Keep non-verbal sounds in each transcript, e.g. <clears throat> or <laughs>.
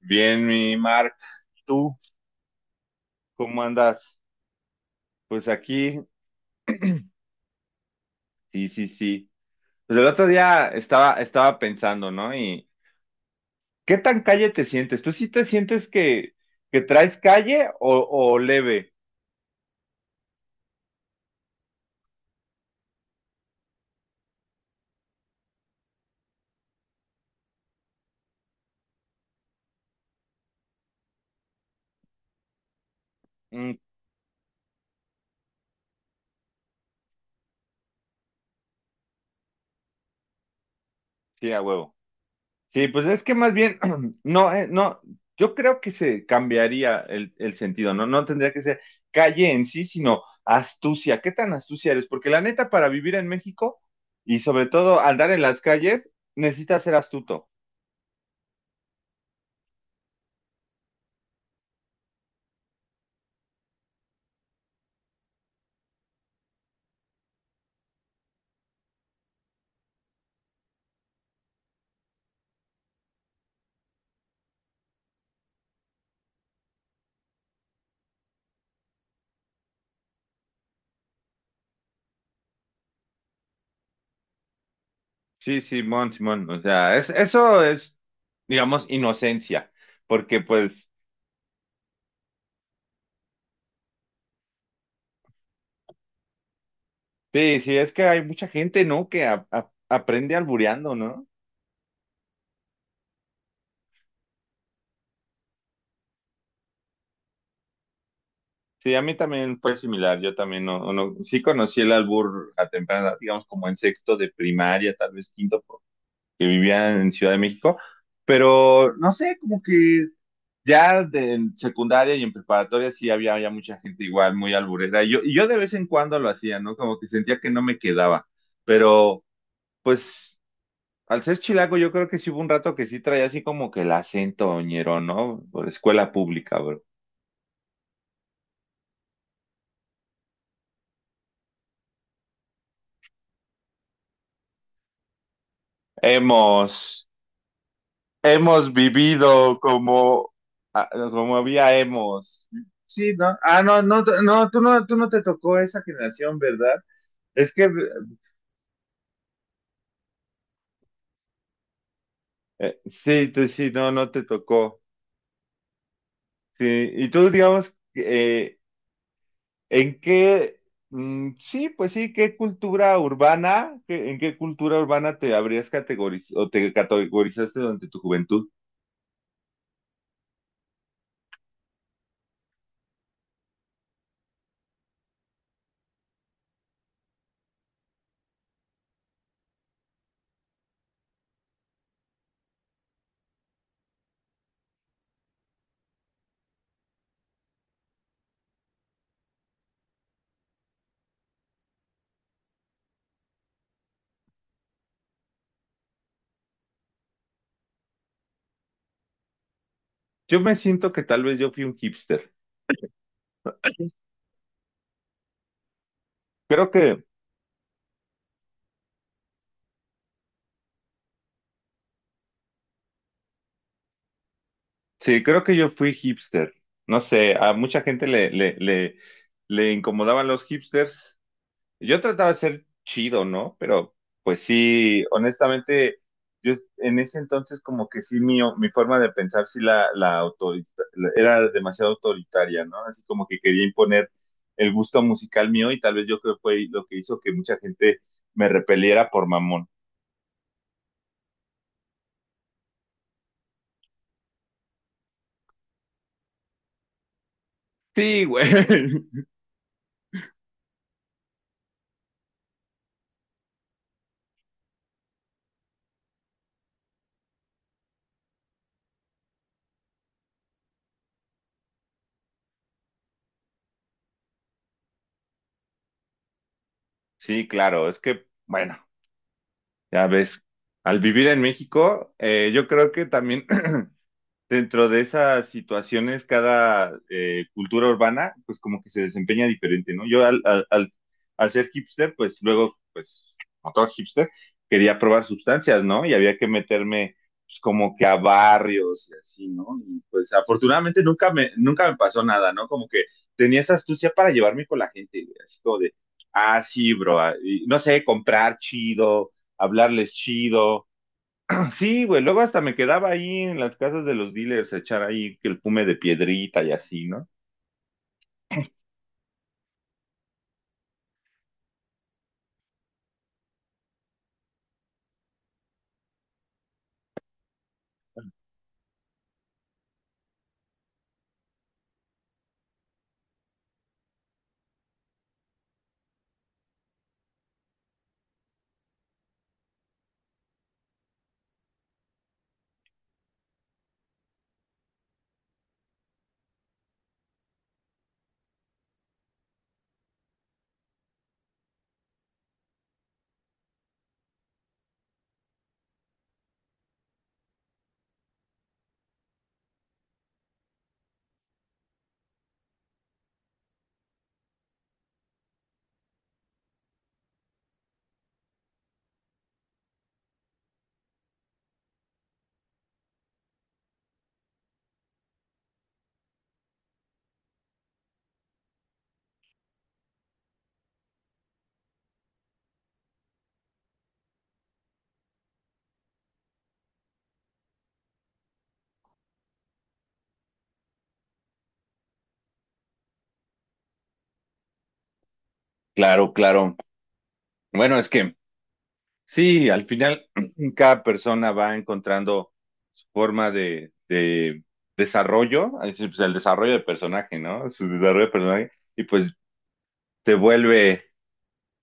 Bien, mi Mark, ¿tú cómo andas? Pues aquí, sí, sí, sí. Pues el otro día estaba pensando, ¿no? Y ¿qué tan calle te sientes? ¿Tú sí te sientes que traes calle o leve? Mm, sí, a huevo. Sí, pues es que más bien, <clears throat> no, no, yo creo que se cambiaría el sentido, ¿no? No tendría que ser calle en sí, sino astucia. ¿Qué tan astucia eres? Porque la neta, para vivir en México y sobre todo andar en las calles, necesitas ser astuto. Sí, Simón, Simón, o sea, es, eso es, digamos, inocencia, porque pues, sí, sí, es que hay mucha gente, ¿no? Que aprende albureando, ¿no? Sí, a mí también fue similar, yo también no, no, sí conocí el albur a temprana edad, digamos, como en sexto de primaria, tal vez quinto, que vivían en Ciudad de México, pero no sé, como que ya de, en secundaria y en preparatoria sí había ya mucha gente igual, muy alburera. Y yo de vez en cuando lo hacía, ¿no? Como que sentía que no me quedaba. Pero, pues, al ser chilango, yo creo que sí hubo un rato que sí traía así como que el acento oñero, ¿no? Por escuela pública, bro. Hemos, hemos vivido como, ah, como había hemos. Sí, ¿no? Ah, no, no, no, tú no, tú no te tocó esa generación, ¿verdad? Es que sí, tú sí, no, no te tocó. Sí, y tú digamos, ¿en qué, mm, sí, pues sí, qué cultura urbana, qué- en qué cultura urbana te habrías categorizado o te categorizaste durante tu juventud? Yo me siento que tal vez yo fui un hipster. Creo que, sí, creo que yo fui hipster. No sé, a mucha gente le incomodaban los hipsters. Yo trataba de ser chido, ¿no? Pero pues sí, honestamente, yo en ese entonces como que sí mi forma de pensar sí la autorita- la- era demasiado autoritaria, ¿no? Así como que quería imponer el gusto musical mío y tal vez yo creo que fue lo que hizo que mucha gente me repeliera por mamón. Sí, güey. <laughs> Sí, claro, es que, bueno, ya ves, al vivir en México, yo creo que también dentro de esas situaciones, cada cultura urbana, pues como que se desempeña diferente, ¿no? Yo al ser hipster, pues luego, pues, como todo hipster, quería probar sustancias, ¿no? Y había que meterme pues, como que a barrios y así, ¿no? Y pues afortunadamente nunca me, nunca me pasó nada, ¿no? Como que tenía esa astucia para llevarme con la gente, güey, así como de, ah, sí, bro, ah, y no sé, comprar chido, hablarles chido. Sí, güey, luego hasta me quedaba ahí en las casas de los dealers a echar ahí que el fume de piedrita y así, ¿no? Claro, claro. Bueno, es que sí, al final <clears throat> cada persona va encontrando su forma de desarrollo, es decir, pues, el desarrollo de personaje, ¿no? Su desarrollo de personaje, y pues te vuelve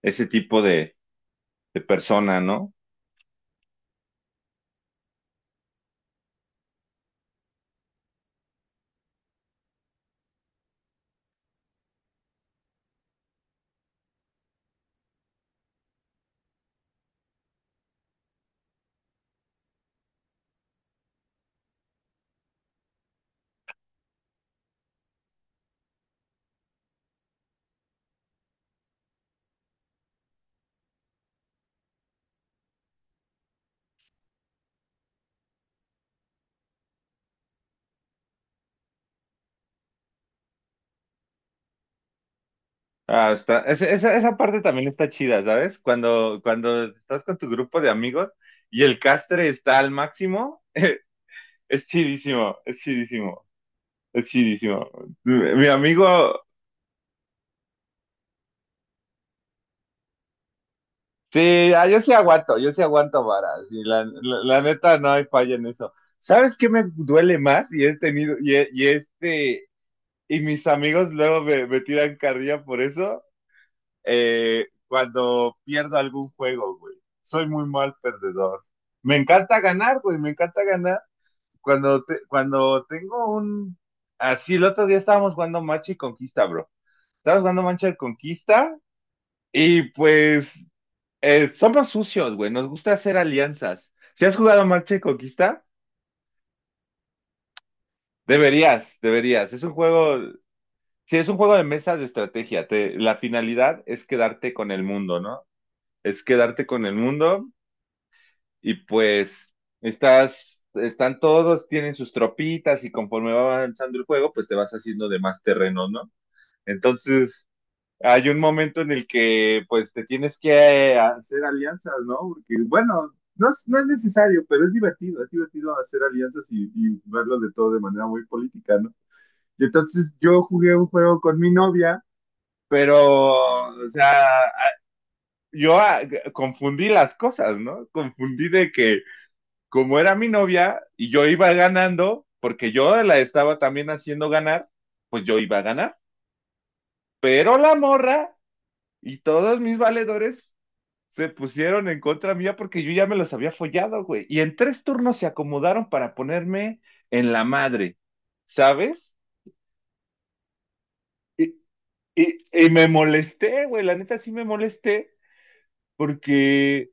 ese tipo de persona, ¿no? Hasta, esa, esa esa parte también está chida, ¿sabes? Cuando, cuando estás con tu grupo de amigos y el castre está al máximo. <laughs> Es chidísimo, es chidísimo, es chidísimo. Mi amigo, sí, ah, yo sí aguanto vara. Sí, la- la neta no hay falla en eso. ¿Sabes qué me duele más? Y he tenido, y, he- y este, y mis amigos luego me, me tiran carrilla por eso, cuando pierdo algún juego, güey. Soy muy mal perdedor. Me encanta ganar, güey, me encanta ganar. Cuando, te- cuando tengo un... Así, el otro día estábamos jugando Machi Conquista, bro. Estaba jugando Mancha de Conquista y pues somos sucios, güey. Nos gusta hacer alianzas. Si has jugado Mancha de Conquista, deberías, deberías. Es un juego, si es un juego de mesa de estrategia. Te- la finalidad es quedarte con el mundo, ¿no? Es quedarte con el mundo y pues estás, están todos, tienen sus tropitas y conforme va avanzando el juego, pues te vas haciendo de más terreno, ¿no? Entonces, hay un momento en el que pues te tienes que hacer alianzas, ¿no? Porque bueno, no es, no es necesario, pero es divertido hacer alianzas y verlo de todo de manera muy política, ¿no? Y entonces yo jugué un juego con mi novia, pero, o sea, yo ah, confundí las cosas, ¿no? Confundí de que como era mi novia y yo iba ganando, porque yo la estaba también haciendo ganar, pues yo iba a ganar, pero la morra y todos mis valedores se pusieron en contra mía porque yo ya me los había follado, güey. Y en tres turnos se acomodaron para ponerme en la madre, ¿sabes? Y, y me molesté, güey, la neta sí me molesté porque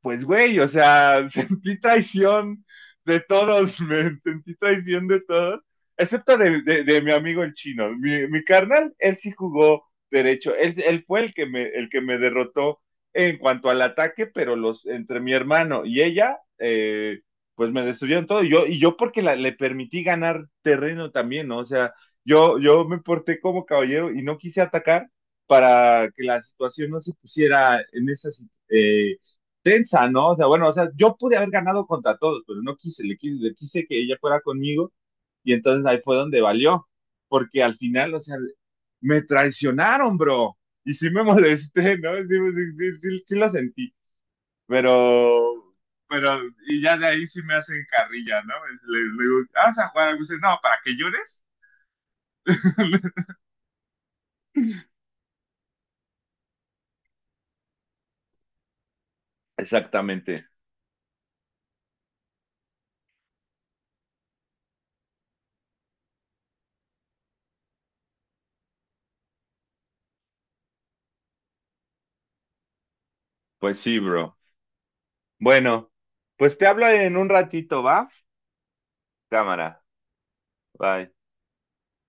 pues güey, o sea, <laughs> sentí traición de todos, me sentí traición de todos, excepto de mi amigo el chino. Mi carnal, él sí jugó derecho, él fue el que me derrotó en cuanto al ataque, pero los, entre mi hermano y ella, pues me destruyeron todo. Y yo porque la, le permití ganar terreno también, ¿no? O sea, yo me porté como caballero y no quise atacar para que la situación no se pusiera en esa, eh, tensa, ¿no? O sea, bueno, o sea, yo pude haber ganado contra todos, pero no quise, le quise, le quise que ella fuera conmigo y entonces ahí fue donde valió, porque al final, o sea, me traicionaron, bro, y sí me molesté, ¿no? Sí, sí, sí, sí, sí lo sentí, pero, pero, y ya de ahí sí me hacen carrilla, ¿no? Le digo, ah, ¿vas a jugar algo? Y dice, no, ¿para que llores? <laughs> Exactamente, pues sí, bro. Bueno, pues te hablo en un ratito, ¿va? Cámara, bye.